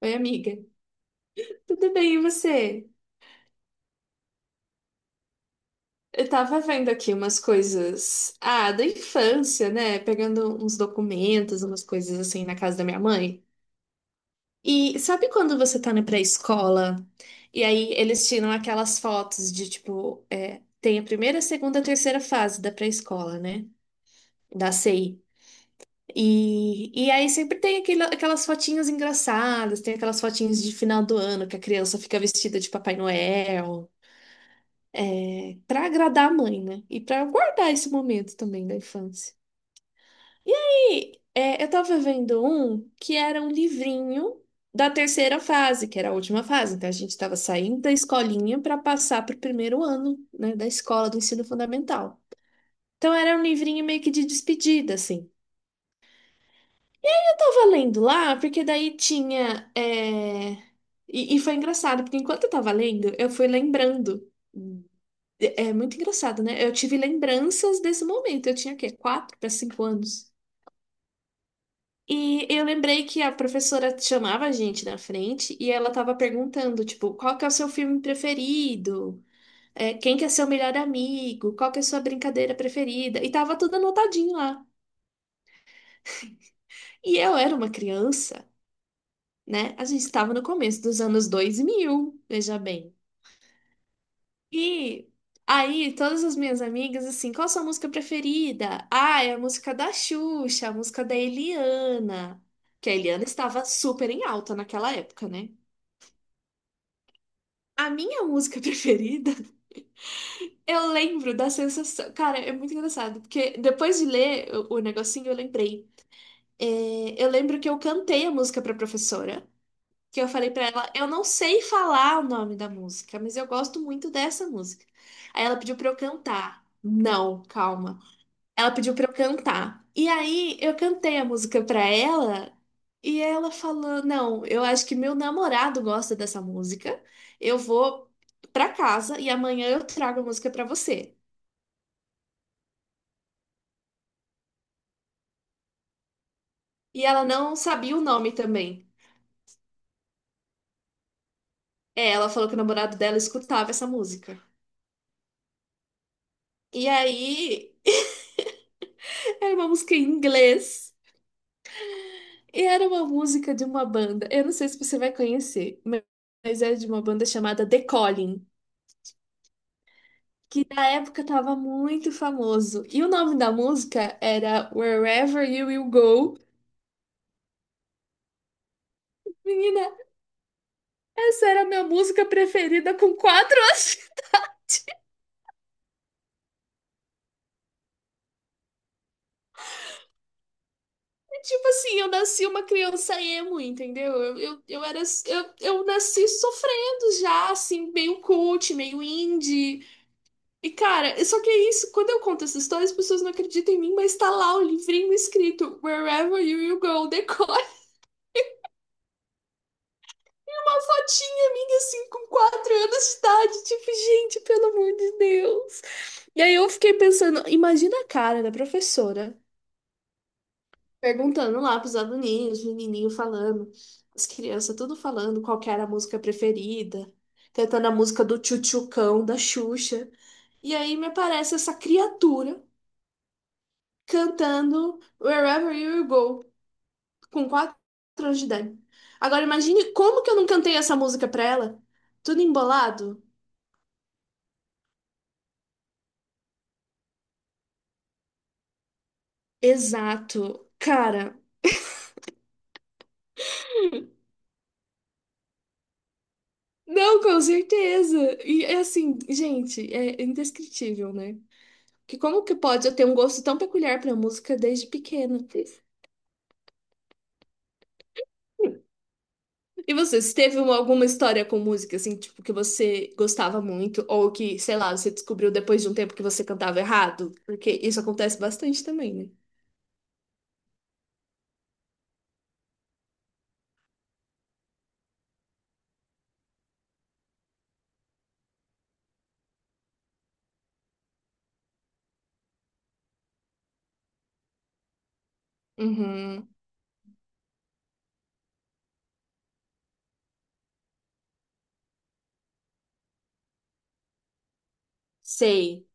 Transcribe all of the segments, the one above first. Oi, amiga. Tudo bem, e você? Eu tava vendo aqui umas coisas, ah, da infância, né? Pegando uns documentos, umas coisas assim na casa da minha mãe. E sabe quando você tá na pré-escola e aí eles tiram aquelas fotos de tipo, tem a primeira, a segunda, a terceira fase da pré-escola, né? Da CI. E aí sempre tem aquelas fotinhas engraçadas, tem aquelas fotinhas de final do ano que a criança fica vestida de Papai Noel, para agradar a mãe, né? E para guardar esse momento também da infância. Eu tava vendo um que era um livrinho da terceira fase, que era a última fase. Então a gente estava saindo da escolinha para passar para o primeiro ano, né, da escola do ensino fundamental. Então era um livrinho meio que de despedida, assim. Eu tava lendo lá, porque daí tinha. E foi engraçado, porque enquanto eu tava lendo, eu fui lembrando. É muito engraçado, né? Eu tive lembranças desse momento. Eu tinha o quê? 4 para 5 anos. E eu lembrei que a professora chamava a gente na frente e ela tava perguntando, tipo, qual que é o seu filme preferido? Quem que é seu melhor amigo? Qual que é a sua brincadeira preferida? E tava tudo anotadinho lá. E eu era uma criança, né? A gente estava no começo dos anos 2000, veja bem. E aí, todas as minhas amigas, assim, qual a sua música preferida? Ah, é a música da Xuxa, a música da Eliana. Que a Eliana estava super em alta naquela época, né? A minha música preferida, eu lembro da sensação. Cara, é muito engraçado, porque depois de ler o negocinho, eu lembrei. Eu lembro que eu cantei a música pra professora, que eu falei pra ela, eu não sei falar o nome da música, mas eu gosto muito dessa música. Aí ela pediu pra eu cantar. Não, calma. Ela pediu pra eu cantar. E aí eu cantei a música pra ela e ela falou: "Não, eu acho que meu namorado gosta dessa música. Eu vou pra casa e amanhã eu trago a música pra você". E ela não sabia o nome também. Ela falou que o namorado dela escutava essa música. E aí era uma música em inglês e era uma música de uma banda. Eu não sei se você vai conhecer, mas é de uma banda chamada The Calling, que na época tava muito famoso. E o nome da música era Wherever You Will Go. Menina, essa era a minha música preferida com 4 anos. Tipo assim, eu nasci uma criança emo, entendeu? Eu era, eu nasci sofrendo já, assim, meio cult, meio indie. E cara, só que é isso, quando eu conto essa história, as pessoas não acreditam em mim, mas tá lá o livrinho escrito Wherever You Will Go, decora. Uma fotinha minha, assim, com 4 anos de idade. Tipo, gente, pelo amor de Deus. E aí eu fiquei pensando, imagina a cara da professora perguntando lá pros aluninhos, os menininhos falando, as crianças tudo falando qual que era a música preferida, cantando a música do Tchutchucão, da Xuxa. E aí me aparece essa criatura cantando Wherever You Go, com 4 anos de idade. Agora imagine como que eu não cantei essa música pra ela, tudo embolado. Exato. Cara, não, com certeza. E é assim, gente, é indescritível, né? Que como que pode eu ter um gosto tão peculiar pra música desde pequena? E você, se teve alguma história com música, assim, tipo, que você gostava muito, ou que, sei lá, você descobriu depois de um tempo que você cantava errado? Porque isso acontece bastante também, né? Uhum. Sei.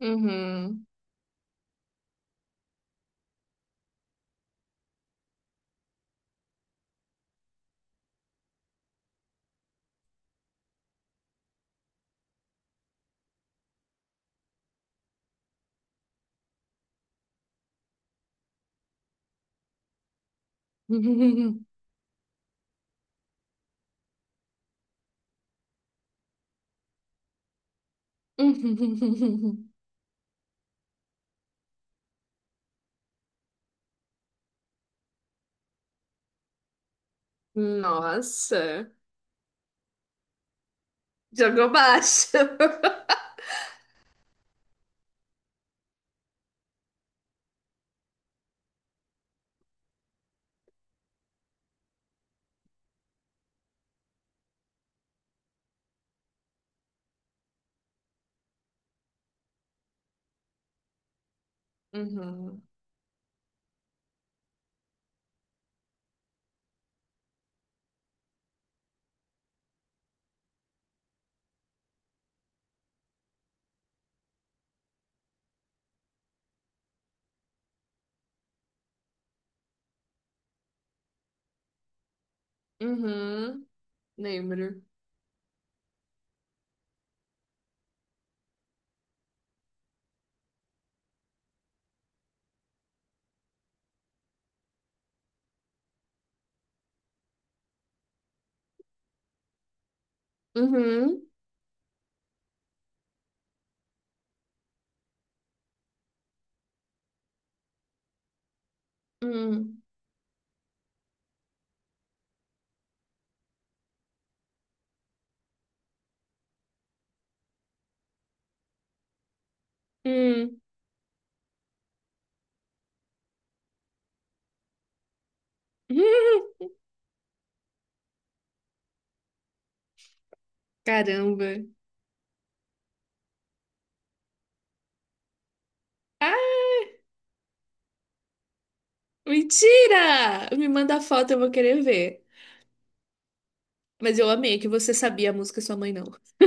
Uhum. Nossa. Jogou baixo. Uhum. Uhum, lembro. Uhum, hum, hum, Caramba. Ah, mentira! Me manda a foto, eu vou querer ver. Mas eu amei que você sabia a música e sua mãe não.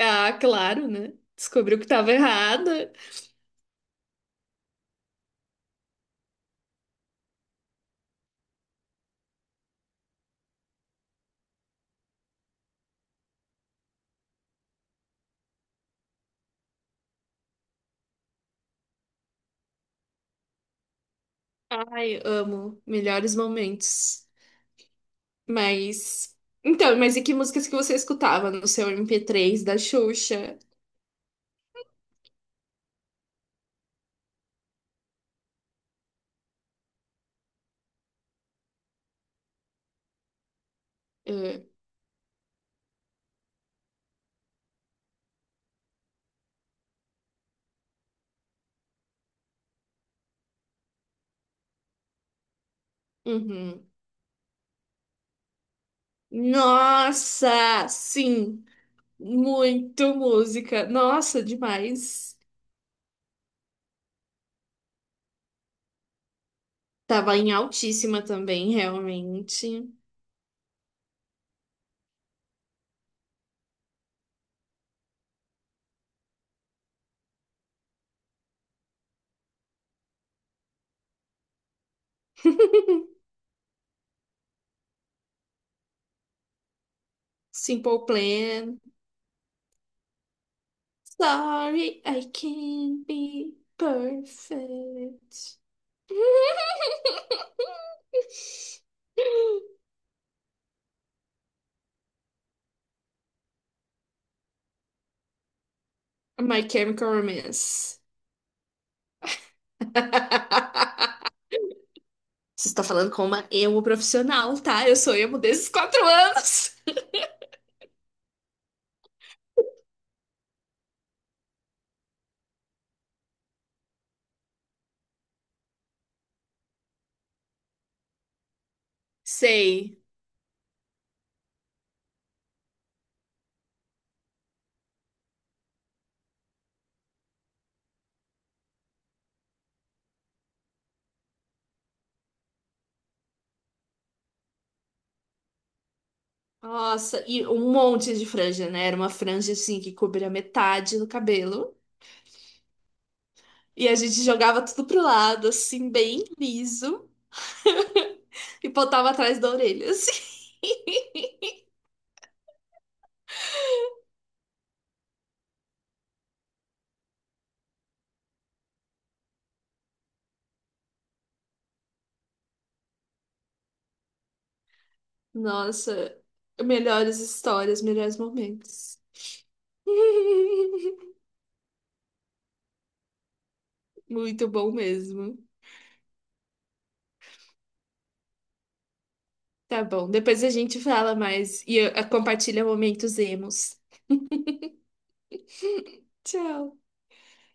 Ah, claro, né? Descobriu que tava errada. Ai, amo. Melhores momentos. Mas. Então, mas e que músicas que você escutava no seu MP3 da Xuxa? Ah, uhum. Nossa, sim. Muito música. Nossa, demais. Tava em altíssima também, realmente. Simple Plan. Sorry, I can't be perfect. My Chemical Romance. Você está falando com uma emo profissional, tá? Eu sou emo desses 4 anos. Sei. Nossa, e um monte de franja, né? Era uma franja assim que cobria metade do cabelo. E a gente jogava tudo pro lado, assim, bem liso, e botava atrás da orelha, assim. Nossa, melhores histórias, melhores momentos. Muito bom mesmo. Tá bom, depois a gente fala mais e compartilha momentos emos. Tchau.